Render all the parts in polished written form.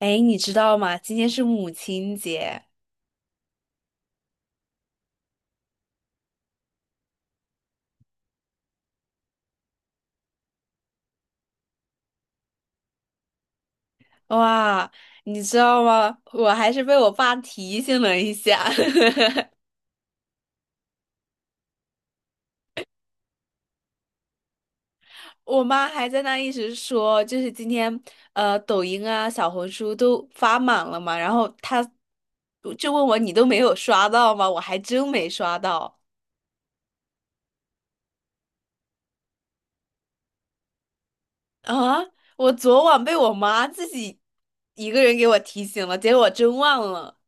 哎，你知道吗？今天是母亲节。哇，你知道吗？我还是被我爸提醒了一下。我妈还在那一直说，就是今天抖音啊、小红书都发满了嘛，然后她就问我你都没有刷到吗？我还真没刷到啊。我昨晚被我妈自己一个人给我提醒了，结果我真忘了。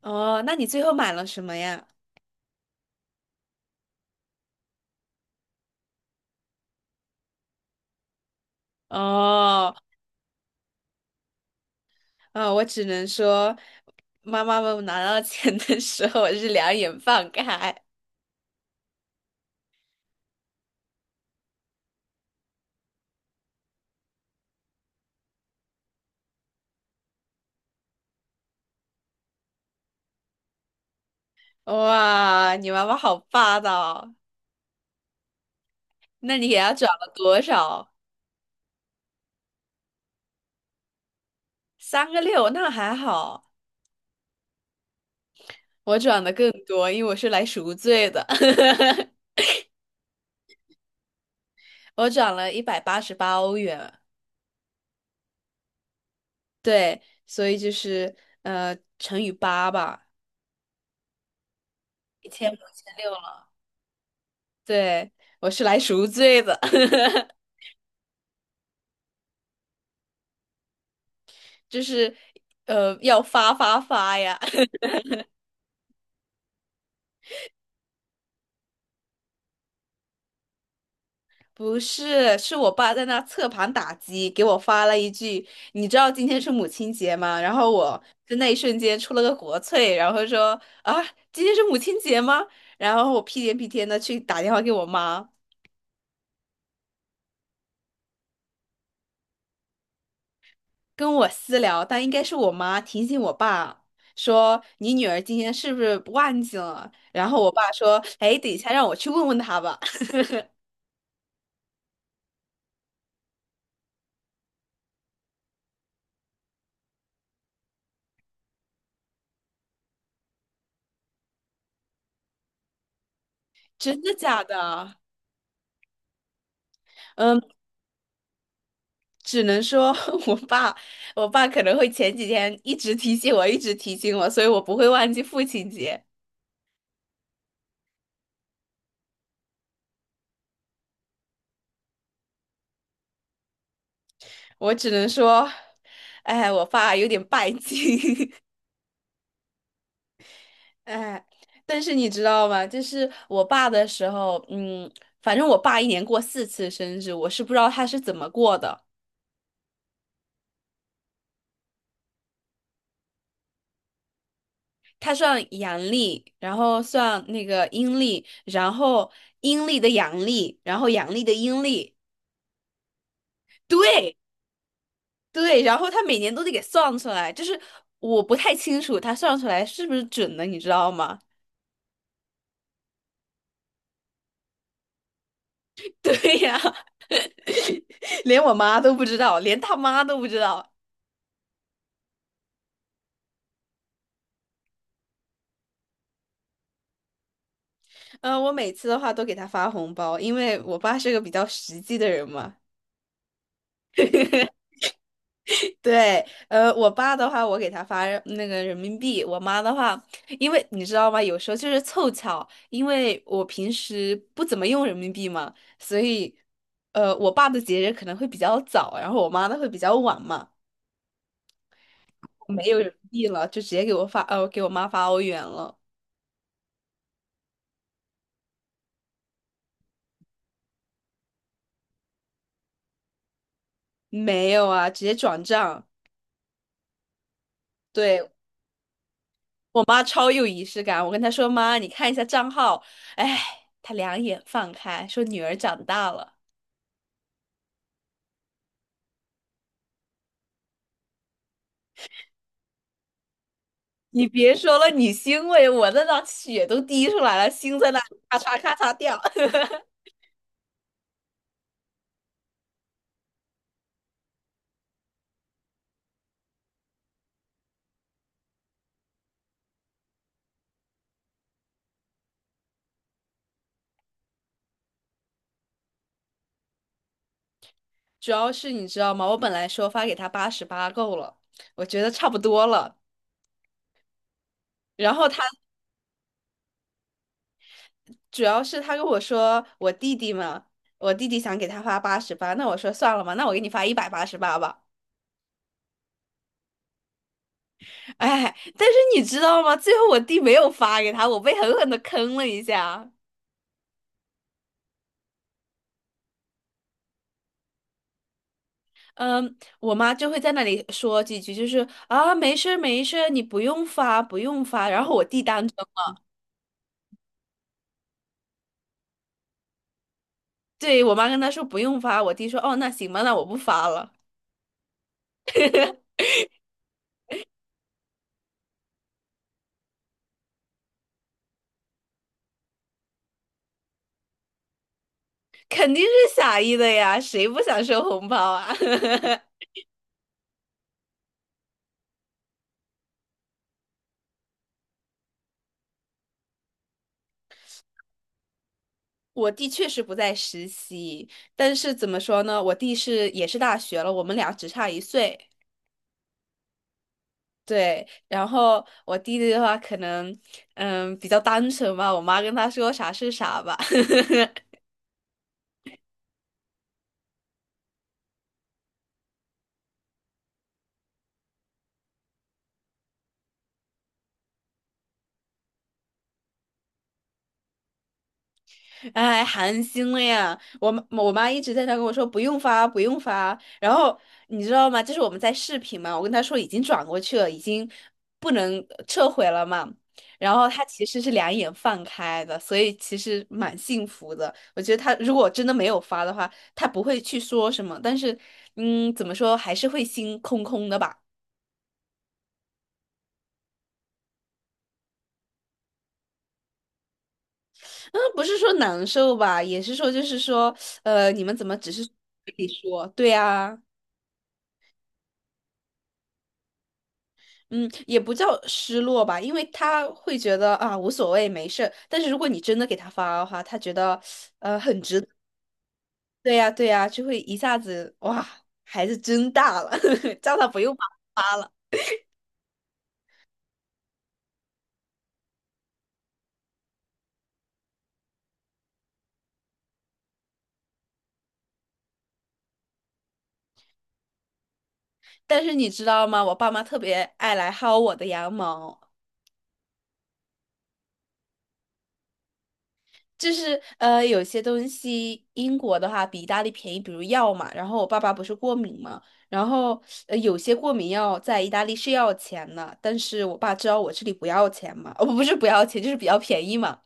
哦，那你最后买了什么呀？哦。啊，我只能说，妈妈们拿到钱的时候，我是两眼放开。哇，你妈妈好霸道！那你给她转了多少？三个六，那还好。我转的更多，因为我是来赎罪的。我转了188欧元。对，所以就是乘以八吧，一千五千六了。对，我是来赎罪的。就是要发发发呀。不是，是我爸在那侧盘打击，给我发了一句：“你知道今天是母亲节吗？”然后我在那一瞬间出了个国粹，然后说：“啊，今天是母亲节吗？”然后我屁颠屁颠的去打电话给我妈。跟我私聊，但应该是我妈提醒我爸说：“你女儿今天是不是忘记了？”然后我爸说：“哎，等一下让我去问问她吧。真的假的？嗯。只能说， 我爸，我爸可能会前几天一直提醒我，一直提醒我，所以我不会忘记父亲节。我只能说，哎，我爸有点拜金。哎，但是你知道吗？就是我爸的时候，反正我爸一年过4次生日，我是不知道他是怎么过的。他算阳历，然后算那个阴历，然后阴历的阳历，然后阳历的阴历，对。对，然后他每年都得给算出来，就是我不太清楚他算出来是不是准的，你知道吗？对呀。连我妈都不知道，连他妈都不知道。嗯、我每次的话都给他发红包，因为我爸是个比较实际的人嘛。对，我爸的话，我给他发那个人民币；我妈的话，因为你知道吗？有时候就是凑巧，因为我平时不怎么用人民币嘛，所以，我爸的节日可能会比较早，然后我妈的会比较晚嘛。没有人民币了，就直接给我妈发欧元了。没有啊，直接转账。对，我妈超有仪式感，我跟她说：“妈，你看一下账号。”哎，她两眼放开，说：“女儿长大了。”你别说了，你欣慰，我那张血都滴出来了，心在那里咔嚓咔嚓掉。主要是你知道吗？我本来说发给她八十八够了，我觉得差不多了。然后主要是他跟我说我弟弟嘛，我弟弟想给他发八十八，那我说算了吧，那我给你发一百八十八吧。哎，但是你知道吗？最后我弟没有发给他，我被狠狠的坑了一下。嗯，我妈就会在那里说几句，就是啊，没事儿没事儿你不用发不用发。然后我弟当真了。对，我妈跟他说不用发，我弟说哦那行吧，那我不发了。肯定是傻意的呀，谁不想收红包啊？我弟确实不在实习，但是怎么说呢？我弟是也是大学了，我们俩只差1岁。对，然后我弟弟的话可能，嗯，比较单纯吧。我妈跟他说啥是啥吧。哎，寒心了呀！我妈一直在那跟我说不用发，不用发。然后你知道吗？就是我们在视频嘛，我跟她说已经转过去了，已经不能撤回了嘛。然后她其实是两眼放开的，所以其实蛮幸福的。我觉得她如果真的没有发的话，她不会去说什么，但是怎么说还是会心空空的吧。嗯，不是说难受吧，也是说就是说，你们怎么只是嘴里说？对啊。嗯，也不叫失落吧，因为他会觉得啊无所谓，没事。但是如果你真的给他发的话，他觉得对呀对呀，就会一下子哇，孩子真大了，叫他不用发发了。但是你知道吗？我爸妈特别爱来薅我的羊毛，就是有些东西英国的话比意大利便宜，比如药嘛。然后我爸爸不是过敏嘛，然后有些过敏药在意大利是要钱的，但是我爸知道我这里不要钱嘛。哦不是不要钱，就是比较便宜嘛。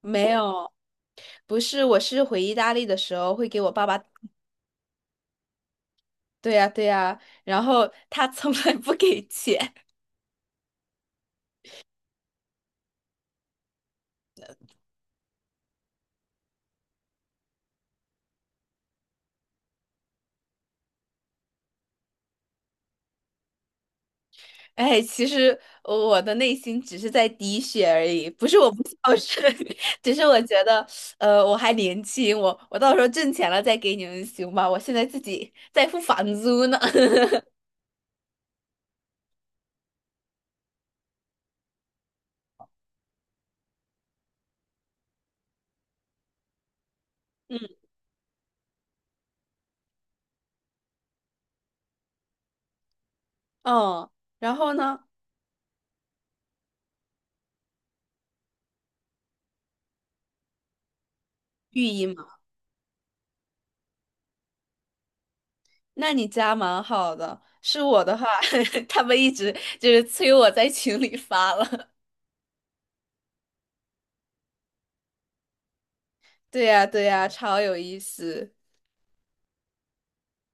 没有，不是，我是回意大利的时候会给我爸爸。对呀对呀，然后他从来不给钱。哎，其实我的内心只是在滴血而已，不是我不孝顺。只是我觉得，我还年轻，我到时候挣钱了再给你们行吧？我现在自己在付房租呢。嗯。哦，然后呢？寓意嘛。那你家蛮好的。是我的话，他们一直就是催我在群里发了。对呀对呀，超有意思。